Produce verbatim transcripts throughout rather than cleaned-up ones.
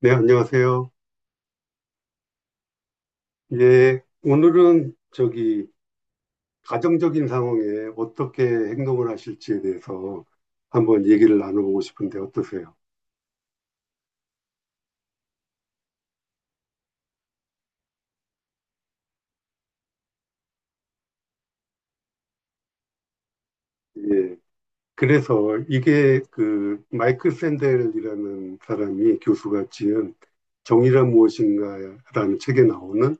네, 안녕하세요. 예, 오늘은 저기 가정적인 상황에 어떻게 행동을 하실지에 대해서 한번 얘기를 나눠보고 싶은데 어떠세요? 예, 그래서 이게 그 마이클 샌델이라는 사람이 교수가 지은 정의란 무엇인가라는 책에 나오는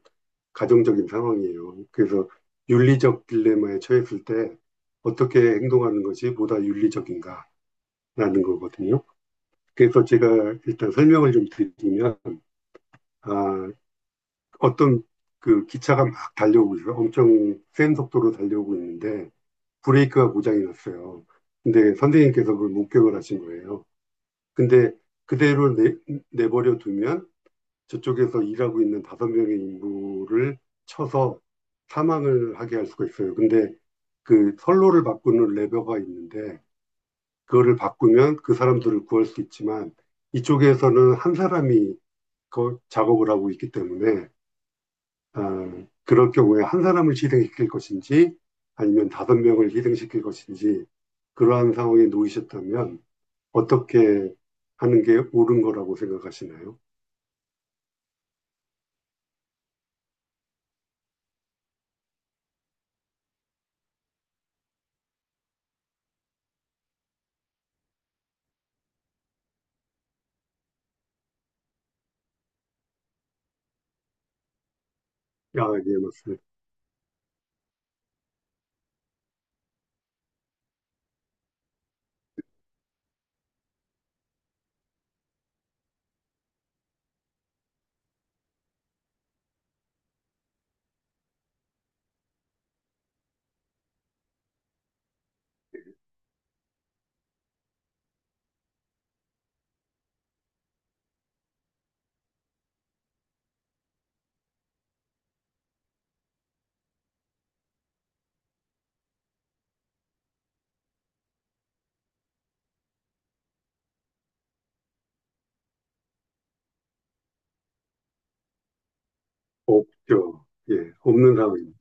가정적인 상황이에요. 그래서 윤리적 딜레마에 처했을 때 어떻게 행동하는 것이 보다 윤리적인가라는 거거든요. 그래서 제가 일단 설명을 좀 드리면, 아, 어떤 그 기차가 막 달려오고 있어요. 엄청 센 속도로 달려오고 있는데, 브레이크가 고장이 났어요. 근데 선생님께서 그걸 목격을 하신 거예요. 근데 그대로 내, 내버려 두면 저쪽에서 일하고 있는 다섯 명의 인부를 쳐서 사망을 하게 할 수가 있어요. 근데 그 선로를 바꾸는 레버가 있는데 그거를 바꾸면 그 사람들을 구할 수 있지만 이쪽에서는 한 사람이 그 작업을 하고 있기 때문에 어, 그럴 경우에 한 사람을 희생시킬 것인지 아니면 다섯 명을 희생시킬 것인지 그러한 상황에 놓이셨다면 어떻게 하는 게 옳은 거라고 생각하시나요? 아, 예, 맞습니다. 없죠. 예, 없는 상황입니다.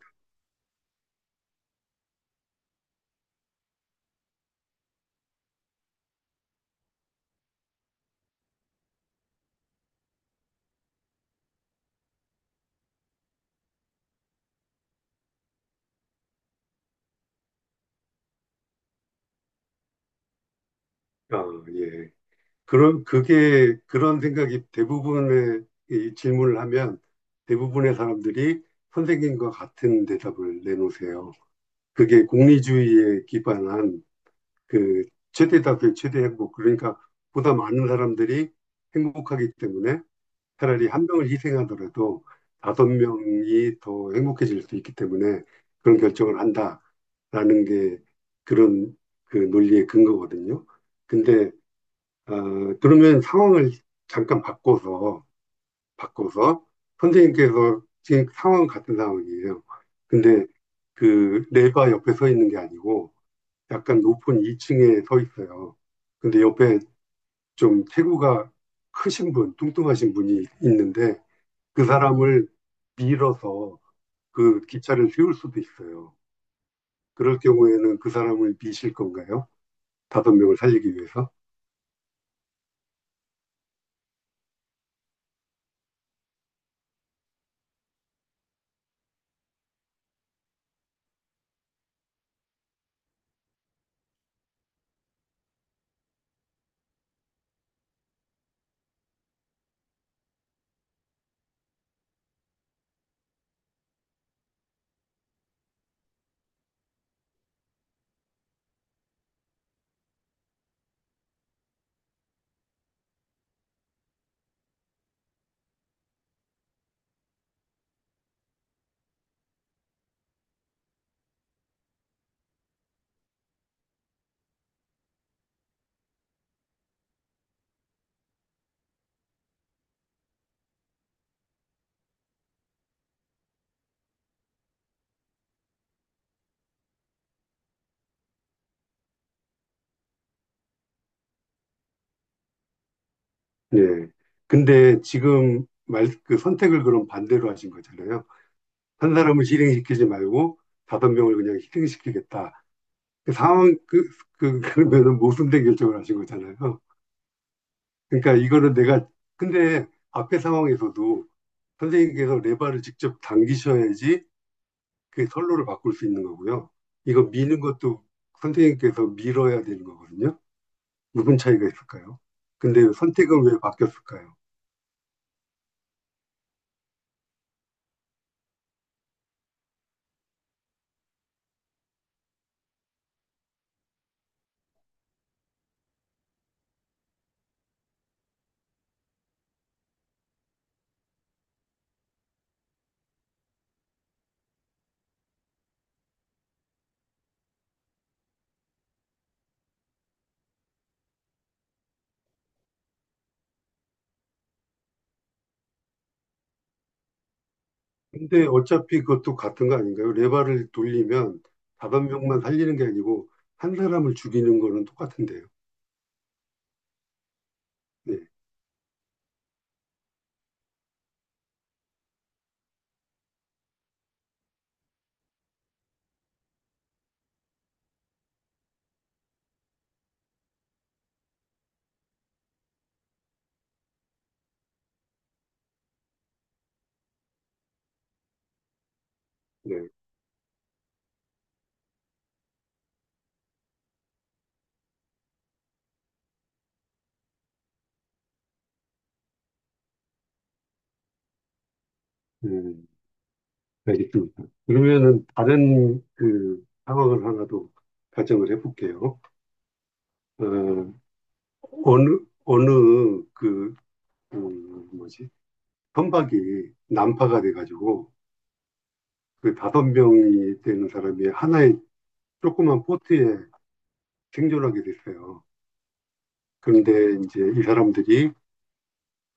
아, 예. 그런, 그게, 그런 생각이 대부분의 이 질문을 하면 대부분의 사람들이 선생님과 같은 대답을 내놓으세요. 그게 공리주의에 기반한 그 최대다 그 최대 행복 그러니까 보다 많은 사람들이 행복하기 때문에 차라리 한 명을 희생하더라도 다섯 명이 더 행복해질 수 있기 때문에 그런 결정을 한다라는 게 그런 그 논리의 근거거든요. 근데 어, 그러면 상황을 잠깐 바꿔서 바꿔서 선생님께서 지금 상황 같은 상황이에요. 근데 그 레바 옆에 서 있는 게 아니고 약간 높은 이 층에 서 있어요. 근데 옆에 좀 체구가 크신 분, 뚱뚱하신 분이 있는데 그 사람을 밀어서 그 기차를 세울 수도 있어요. 그럴 경우에는 그 사람을 미실 건가요? 다섯 명을 살리기 위해서? 예. 근데 지금 말, 그 선택을 그럼 반대로 하신 거잖아요. 한 사람을 실행시키지 말고 다섯 명을 그냥 희생시키겠다. 그 상황, 그, 그, 그러면은 모순된 결정을 하신 거잖아요. 그러니까 이거는 내가 근데 앞에 상황에서도 선생님께서 레바를 직접 당기셔야지 그 선로를 바꿀 수 있는 거고요. 이거 미는 것도 선생님께서 밀어야 되는 거거든요. 무슨 차이가 있을까요? 근데 선택은 왜 바뀌었을까요? 근데 어차피 그것도 같은 거 아닌가요? 레바를 돌리면 다섯 명만 살리는 게 아니고 한 사람을 죽이는 거는 똑같은데요. 네, 네, 음, 알겠습니다. 그러면은 다른 그 상황을 하나 더 가정을 해볼게요. 어, 어느, 어느, 그, 음, 뭐지, 선박이 난파가 돼가지고, 그 다섯 명이 되는 사람이 하나의 조그만 보트에 생존하게 됐어요. 그런데 이제 이 사람들이,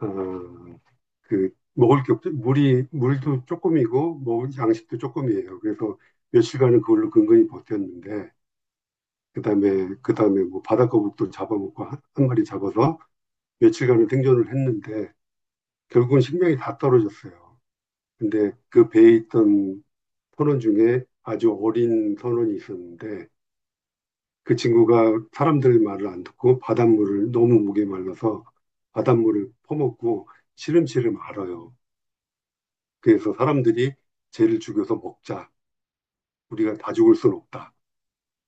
어, 그, 먹을 게 없죠. 물이, 물도 조금이고, 먹을 양식도 조금이에요. 그래서 며칠간은 그걸로 근근히 버텼는데, 그 다음에, 그 다음에 뭐 바다거북도 잡아먹고 한, 한 마리 잡아서 며칠간은 생존을 했는데, 결국은 식량이 다 떨어졌어요. 근데 그 배에 있던 선원 중에 아주 어린 선원이 있었는데 그 친구가 사람들 말을 안 듣고 바닷물을 너무 목에 말라서 바닷물을 퍼먹고 시름시름 앓아요. 그래서 사람들이 쟤를 죽여서 먹자. 우리가 다 죽을 순 없다.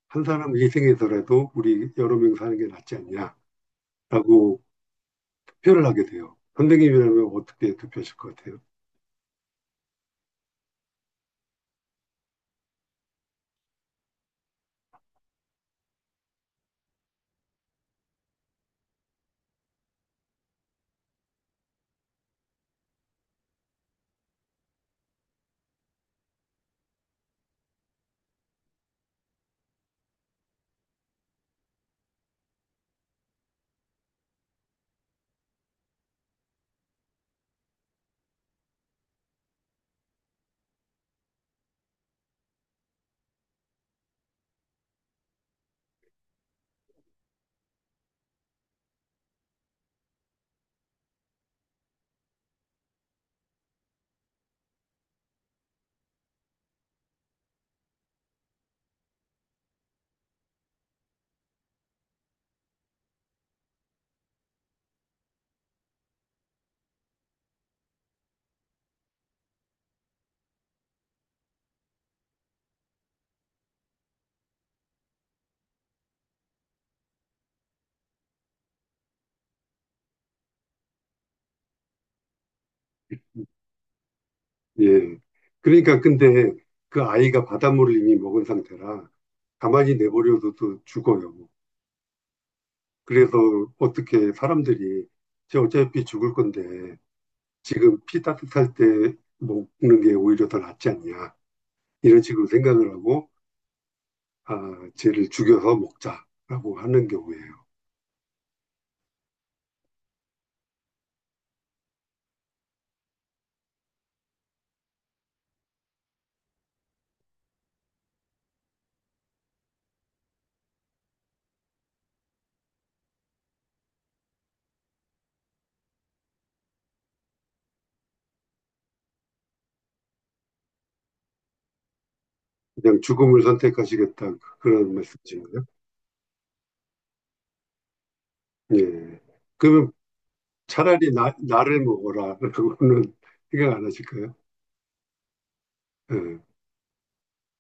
한 사람 희생해서라도 우리 여러 명 사는 게 낫지 않냐라고 투표를 하게 돼요. 선생님이라면 어떻게 투표하실 것 같아요? 예. 그러니까 근데 그 아이가 바닷물을 이미 먹은 상태라 가만히 내버려둬도 죽어요. 그래서 어떻게 사람들이 쟤 어차피 죽을 건데 지금 피 따뜻할 때 먹는 게 오히려 더 낫지 않냐 이런 식으로 생각을 하고 아, 쟤를 죽여서 먹자라고 하는 경우에요. 그냥 죽음을 선택하시겠다 그런 말씀이신가요? 예. 그러면 차라리 나, 나를 먹어라라고는 생각 안 하실까요? 예.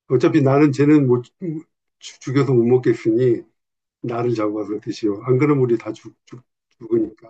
어차피 나는 쟤는 못 죽- 죽여서 못 먹겠으니 나를 잡아서 드시오. 안 그러면 우리 다 죽, 죽, 죽으니까.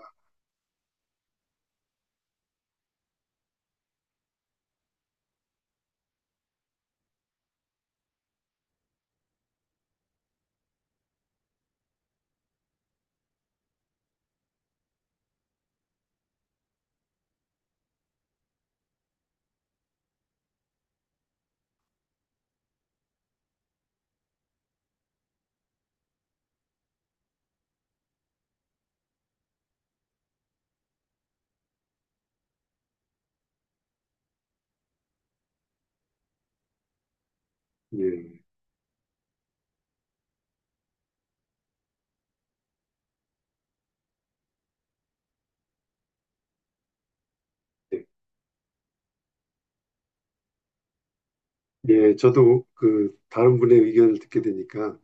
예, 예. 예, 저도 그 다른 분의 의견을 듣게 되니까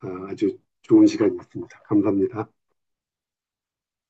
아, 아주 좋은 시간이었습니다. 감사합니다.